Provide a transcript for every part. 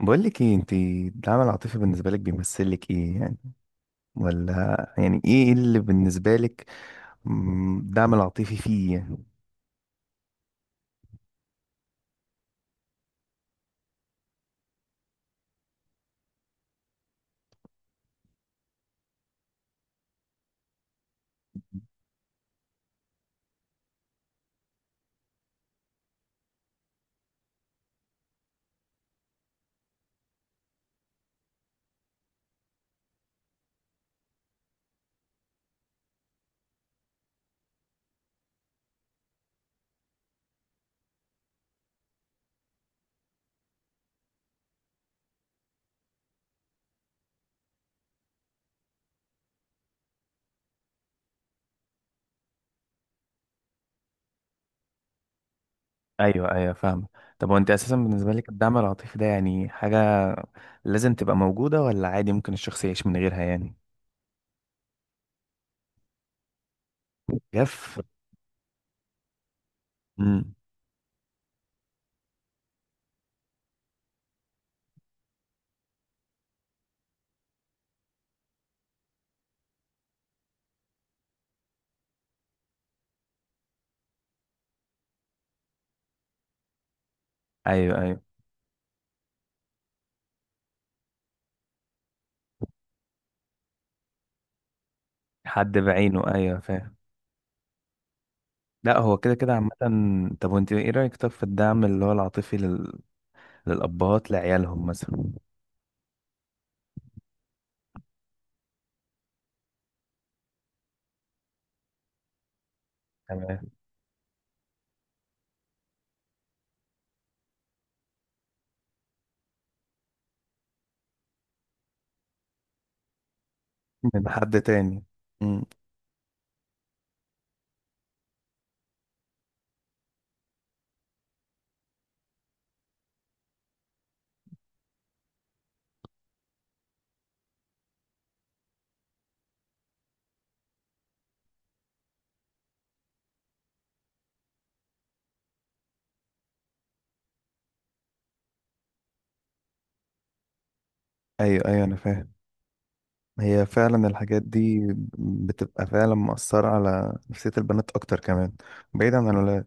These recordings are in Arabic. بقول لك ايه، انت الدعم العاطفي بالنسبه لك بيمثل لك ايه يعني؟ ولا يعني ايه اللي بالنسبه لك؟ الدعم العاطفي فيه يعني. ايوه ايوه، فاهم. طب وانت اساسا بالنسبه لك الدعم العاطفي ده يعني حاجه لازم تبقى موجوده، ولا عادي ممكن الشخص يعيش من غيرها يعني؟ جف. امم. ايوه ايوه. حد بعينه، ايوه فاهم. لا هو كده كده عامة. طب وانت ايه رأيك طب في الدعم اللي هو العاطفي لل... للأبهات لعيالهم مثلا؟ تمام. من حد تاني. امم. ايوه ايوه، انا فاهم. هي فعلا الحاجات دي بتبقى فعلا مؤثرة على نفسية البنات اكتر كمان، بعيدا عن الولاد.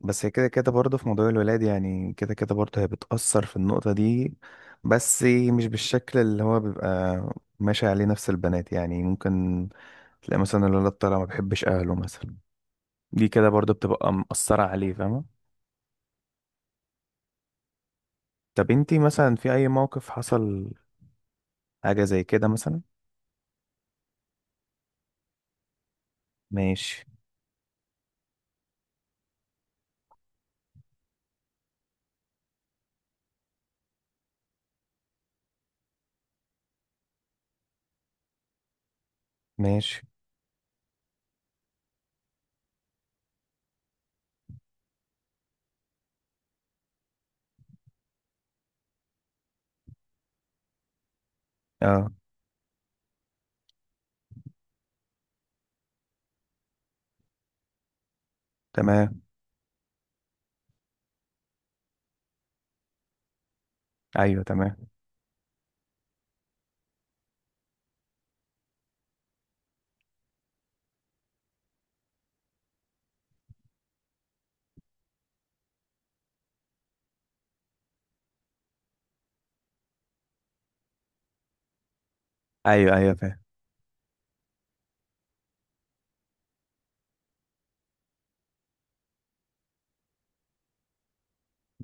بس هي كده كده برضه في موضوع الولاد، يعني كده كده برضه هي بتأثر في النقطة دي. بس مش بالشكل اللي هو بيبقى ماشي عليه نفس البنات، يعني ممكن تلاقي مثلا الولد طالع ما بيحبش اهله مثلا. دي كده برضو بتبقى مأثرة عليه، فاهمة؟ طب انتي مثلا في أي موقف حصل حاجة زي كده مثلا؟ ماشي. ماشي. اه. تمام. أيوه تمام. أيوه أيوه، فاهم.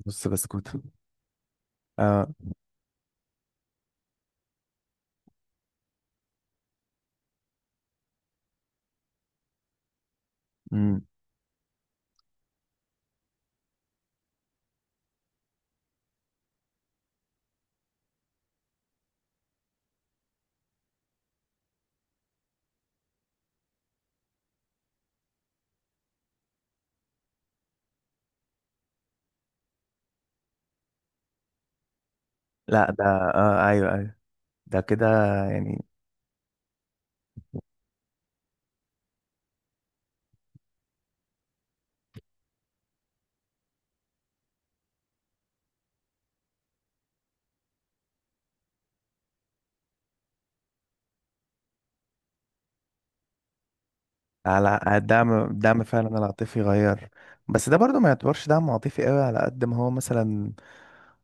بص بسكوت. اه. امم. لا ده. اه أيوه أيوه. ده كده يعني. على الدعم، الدعم فعلا العاطفي غير. بس ده برضو ما يعتبرش دعم عاطفي قوي، على قد ما هو مثلا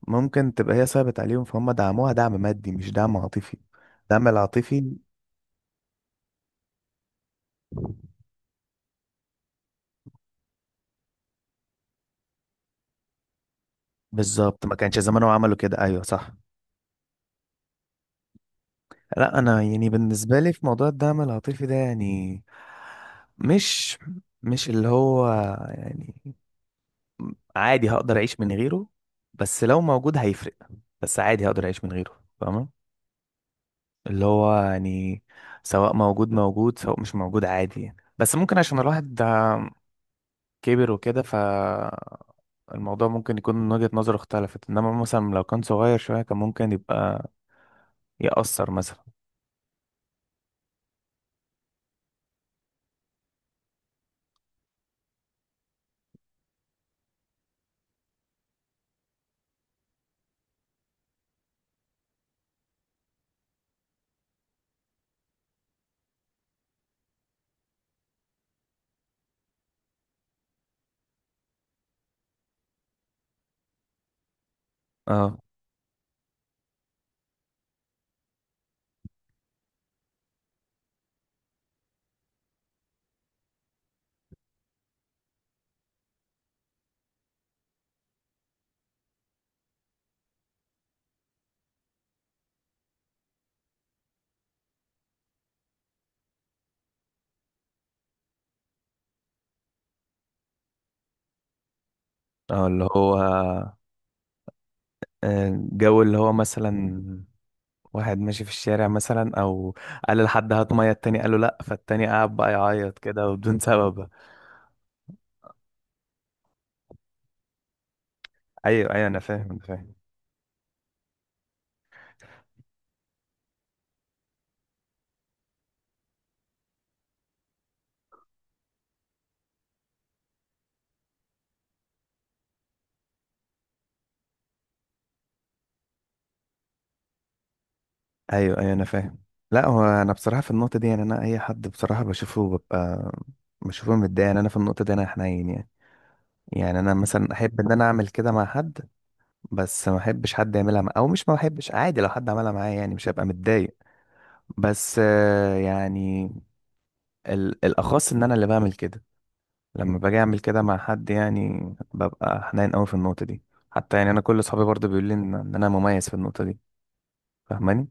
ممكن تبقى هي صعبت عليهم فهم دعموها دعم مادي مش دعم عاطفي. الدعم العاطفي. بالظبط، ما كانش زمانهم عملوا كده، ايوه صح. لا انا يعني بالنسبه لي في موضوع الدعم العاطفي ده يعني مش مش اللي هو يعني عادي هقدر اعيش من غيره. بس لو موجود هيفرق. بس عادي هقدر اعيش من غيره، فاهمه؟ اللي هو يعني سواء موجود موجود، سواء مش موجود عادي يعني. بس ممكن عشان الواحد ده كبر وكده فالموضوع ممكن يكون من وجهة نظره اختلفت، انما مثلا لو كان صغير شويه كان ممكن يبقى يأثر مثلا. اه. اه اللي هو جو اللي هو مثلا واحد ماشي في الشارع مثلا، او قال لحد هات ميه، التاني قال له لا، فالتاني قعد بقى يعيط كده وبدون سبب. ايوه ايوه انا فاهم، انا فاهم. ايوه ايوه انا فاهم. لا هو انا بصراحه في النقطه دي يعني انا اي حد بصراحه بشوفه ببقى بشوفه متضايق، يعني انا في النقطه دي انا حنين يعني. يعني انا مثلا احب ان انا اعمل كده مع حد. بس ما احبش حد يعملها مع... او مش ما احبش، عادي لو حد عملها معايا يعني مش هبقى متضايق. بس يعني الاخص ان انا اللي بعمل كده. لما باجي اعمل كده مع حد يعني ببقى حنين قوي في النقطه دي. حتى يعني انا كل اصحابي برضه بيقولوا لي إن انا مميز في النقطه دي، فاهماني؟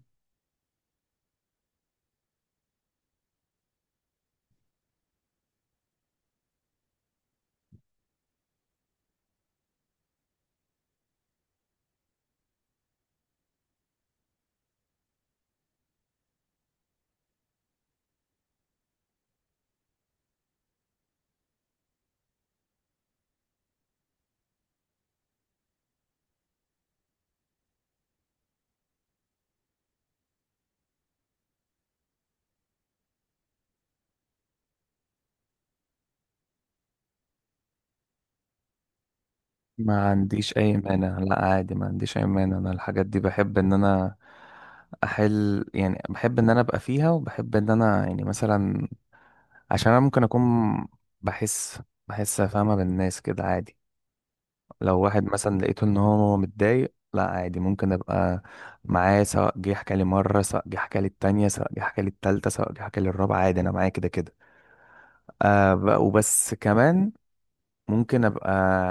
ما عنديش اي مانع. لا عادي ما عنديش اي مانع، انا الحاجات دي بحب ان انا احل يعني، بحب ان انا ابقى فيها، وبحب ان انا يعني مثلا عشان انا ممكن اكون بحس بحس فاهمه بالناس كده، عادي. لو واحد مثلا لقيته ان هو متضايق لا عادي، ممكن ابقى معاه سواء جه حكى لي مره، سواء جه حكى لي التانية، سواء جه حكى لي التالتة، سواء جه حكى لي الرابعه، عادي انا معاه كده كده. آه ب- وبس كمان ممكن ابقى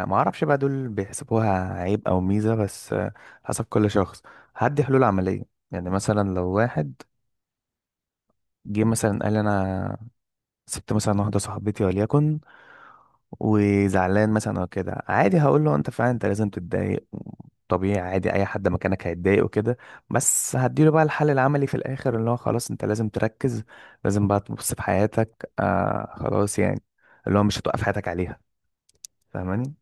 ما اعرفش بقى دول بيحسبوها عيب او ميزه، بس حسب كل شخص. هدي حلول عمليه، يعني مثلا لو واحد جه مثلا قال لي انا سبت مثلا واحدة صاحبتي وليكن، وزعلان مثلا او كده، عادي هقول له انت فعلا انت لازم تتضايق، طبيعي عادي، اي حد مكانك هيتضايق وكده. بس هديله بقى الحل العملي في الاخر، اللي هو خلاص انت لازم تركز، لازم بقى تبص في حياتك، آه خلاص يعني اللي هو مش هتوقف حياتك عليها، فاهماني؟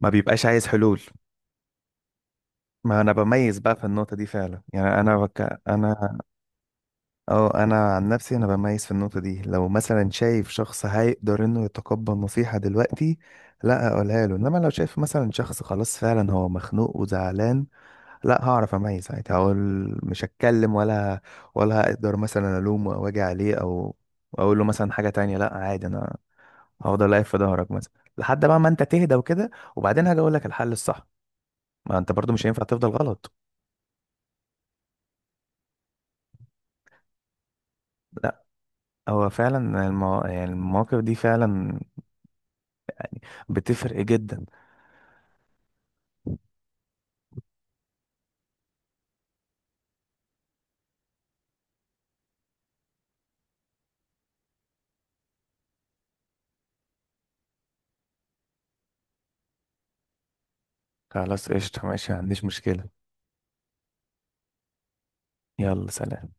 ما بيبقاش عايز حلول. ما انا بميز بقى في النقطة دي فعلا، يعني انا بك... انا. اه انا عن نفسي انا بميز في النقطه دي، لو مثلا شايف شخص هيقدر انه يتقبل نصيحه دلوقتي لا اقولها له، انما لو شايف مثلا شخص خلاص فعلا هو مخنوق وزعلان، لا هعرف اميز ساعتها. هقول مش هتكلم، ولا هقدر مثلا الومه او اجي عليه او اقول له مثلا حاجه تانية. لا عادي انا هفضل واقف في ظهرك مثلا لحد بقى ما انت تهدى وكده، وبعدين هاجي اقول لك الحل الصح، ما انت برضو مش هينفع تفضل غلط. لا هو فعلا المو... يعني المواقف دي فعلا بتفرق جدا. خلاص قشطة ماشي، ما عنديش مشكلة. يلا سلام.